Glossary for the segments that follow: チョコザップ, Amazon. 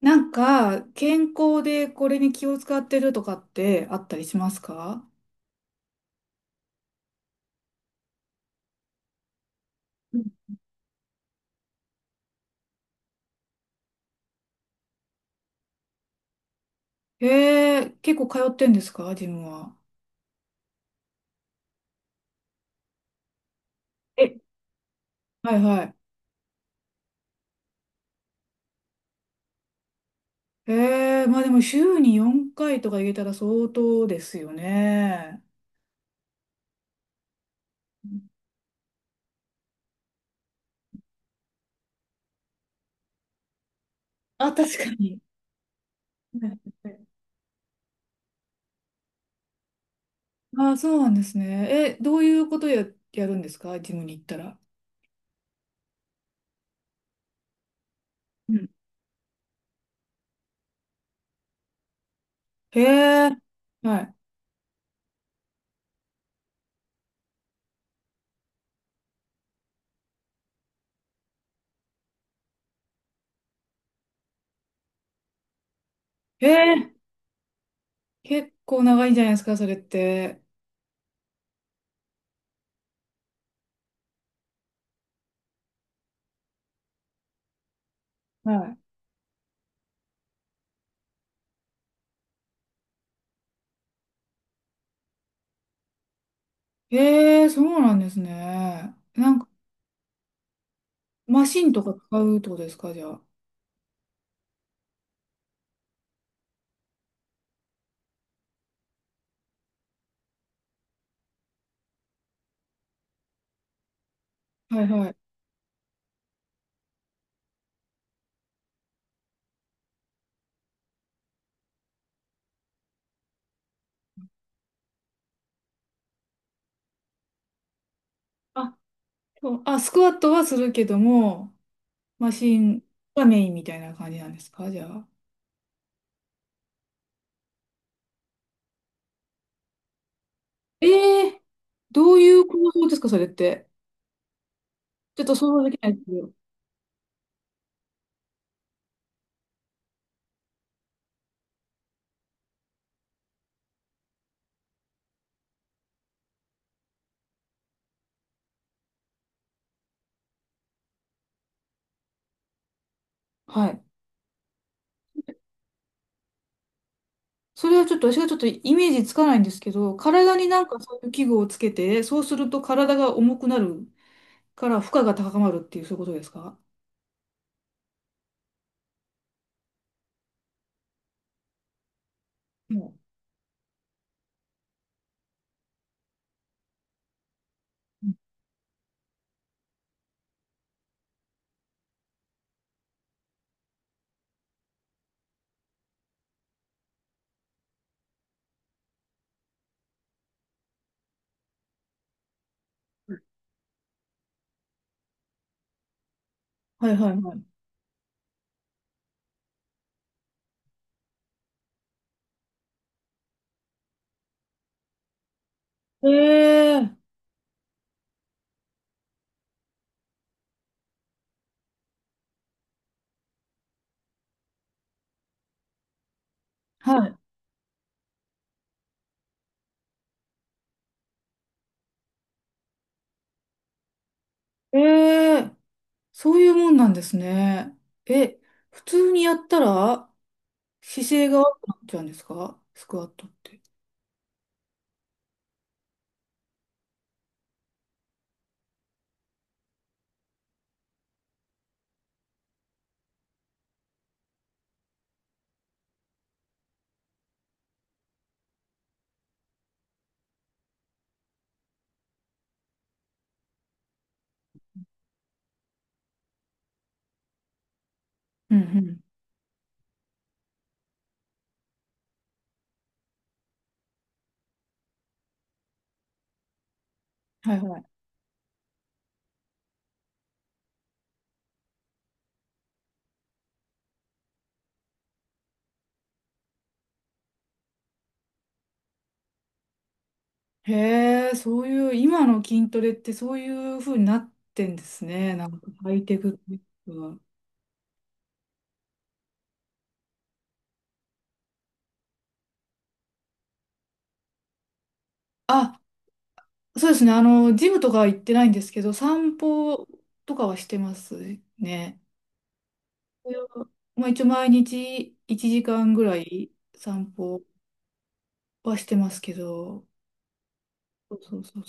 なんか、健康でこれに気を使ってるとかってあったりしますか？うん。へえ、結構通ってんですかジムは？え、はいはい。へえ、まあでも週に4回とか入れたら相当ですよね。あ、確かに。ね。ああ、そうなんですね。え、どういうことやるんですかジムに行ったら？うん。へえ。はい。へえ、結構長いんじゃないですかそれって？はい。へえ、そうなんですね。なんか、マシンとか使うってことですか、じゃあ？はいはい。あ、そう、あ、スクワットはするけども、マシンがメインみたいな感じなんですか、じゃあ？ええ、どういう構造ですか、それって？ちょっと想像できないですけど。はい。それはちょっと、私がちょっとイメージつかないんですけど、体になんかそういう器具をつけて、そうすると体が重くなるから負荷が高まるっていう、そういうことですか？うん。はいはいはい。ええ、はい。ええ、そういうもんなんですね。え、普通にやったら姿勢が悪くなっちゃうんですかスクワットって？うんうん。はいはい。へえ、そういう、今の筋トレってそういう風になってんですね。なんかハイテクっていうか。あ、そうですね。ジムとかは行ってないんですけど、散歩とかはしてますね。いやまあ、一応毎日1時間ぐらい散歩はしてますけど。そうそうそう。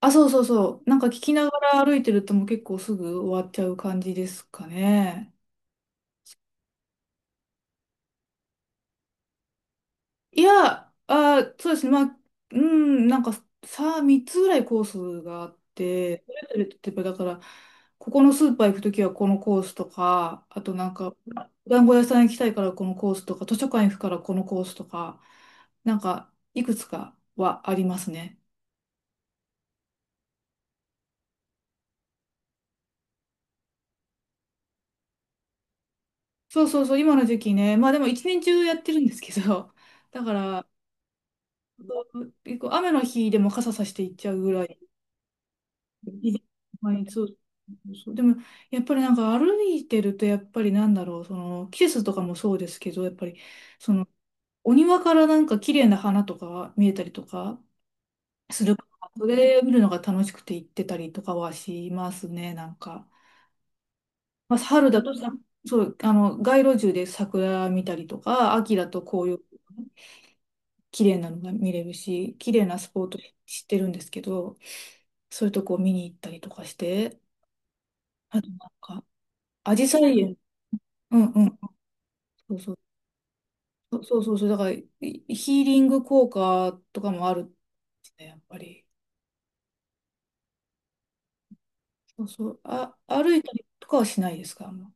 あ、そうそうそう。なんか聞きながら歩いてるともう結構すぐ終わっちゃう感じですかね。いや、あ、そうですね。まあ、うん、なんかさ、3つぐらいコースがあって、それぞれ例えばだから、ここのスーパー行くときはこのコースとか、あとなんか、お団子屋さん行きたいからこのコースとか、図書館行くからこのコースとか、なんか、いくつかはありますね。そうそうそう、今の時期ね。まあでも一年中やってるんですけど、だから、結構雨の日でも傘さして行っちゃうぐらい、毎日、そうそうそう、でも、やっぱりなんか歩いてると、やっぱりなんだろう、その季節とかもそうですけど、やっぱりそのお庭からなんか綺麗な花とか見えたりとかするから、それ見るのが楽しくて行ってたりとかはしますね、なんか。まあ、春だとさ、そう、あの街路樹で桜見たりとか、秋だと紅葉。綺麗なのが見れるし、綺麗なスポット知ってるんですけど、そういうとこを見に行ったりとかして、あとなんか、アジサイ園。うんうん。そうそう。そうそうそうそう、だからいヒーリング効果とかもあるんですね、やっぱり。そうそう、あ、歩いたりとかはしないですか、あんま？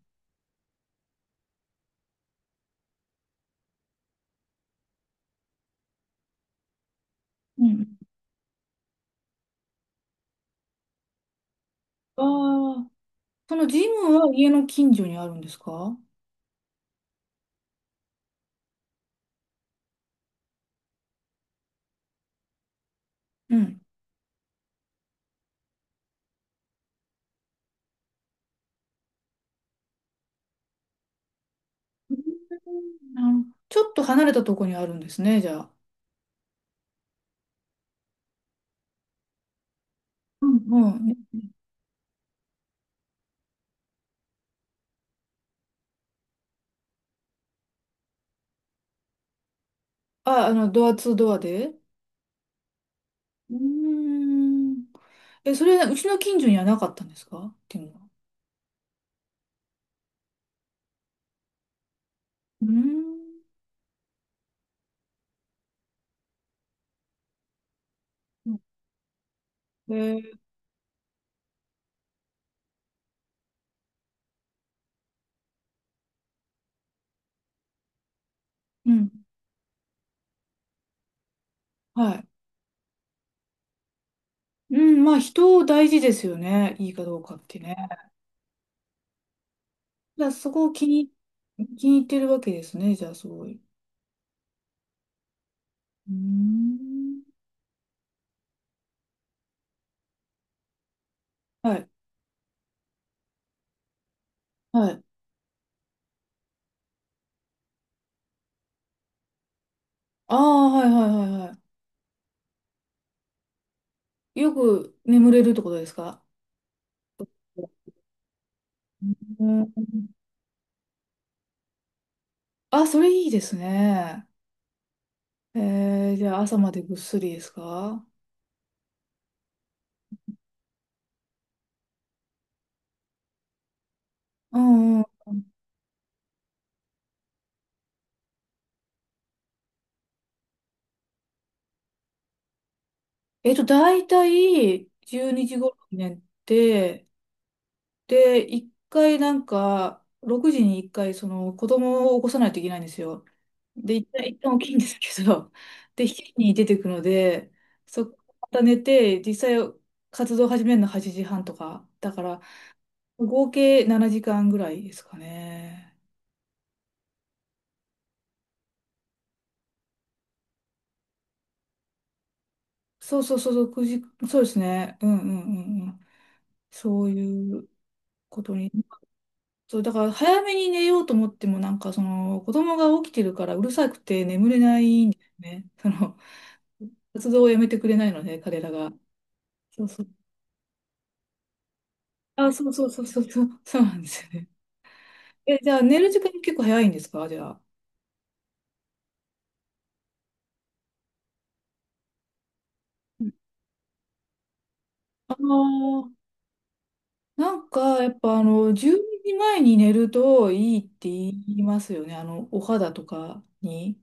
うん。ああ、そのジムは家の近所にあるんですか？うん。うん、なるほど。ちょっと離れたとこにあるんですね、じゃあ？うん。うん、あ、ドアツードアで？うーん。え、それ、うちの近所にはなかったんですかっていうのは？うーん。えー。うん。はい。うん、まあ人大事ですよね。いいかどうかってね。じゃあそこを気に入ってるわけですね。じゃあすごい。うーん。はい。はい。ああ、はいはいはいはい。よく眠れるってことですか？うん。あ、それいいですね。えー、じゃあ朝までぐっすりですか？うん。大体12時頃に寝て、で、一回なんか、6時に一回、その、子供を起こさないといけないんですよ。で、一旦起きるんですけど、で、日時に出てくので、そこからまた寝て、実際活動始めるの8時半とか、だから、合計7時間ぐらいですかね。そうそうそうそう、9時、そうですね。うんうんうんうん。そういうことに。そう、だから早めに寝ようと思っても、なんかその子供が起きてるからうるさくて眠れないんですね。その活動をやめてくれないので、彼らが。そうそう。あ、そうそうそうそうそう、そうなんですよね。え、じゃあ寝る時間結構早いんですかじゃあ？うん。あのーなんかやっぱ12時前にじまえに寝るといいって言いますよね。お肌とかに。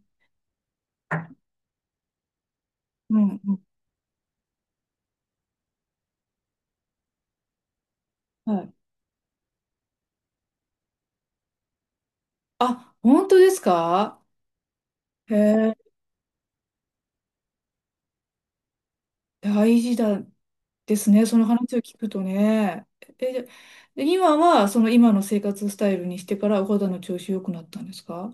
うんうん。はい。あ、本当ですか？へえ。大事だ。ですね、その話を聞くとね。え、で、今は今の生活スタイルにしてからお肌の調子良くなったんですか？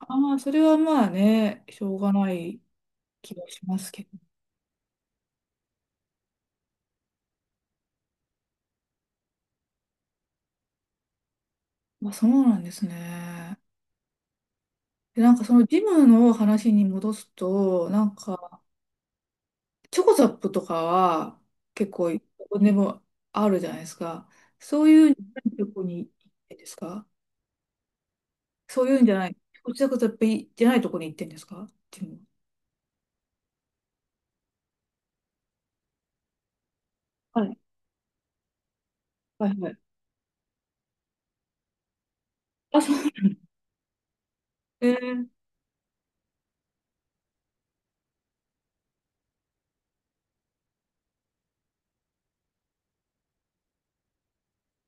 ああ、それはまあね、しょうがない気がしますけど。まあそうなんですね。で、なんかそのジムの話に戻すと、なんかチョコザップとかは結構どこでもあるじゃないですか。そういうとこに行ってんですか？そういうんじゃない、チョコザップじゃないとこに行ってんですかジム？はい。はいはい。あ、そう。え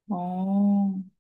ー、ああ。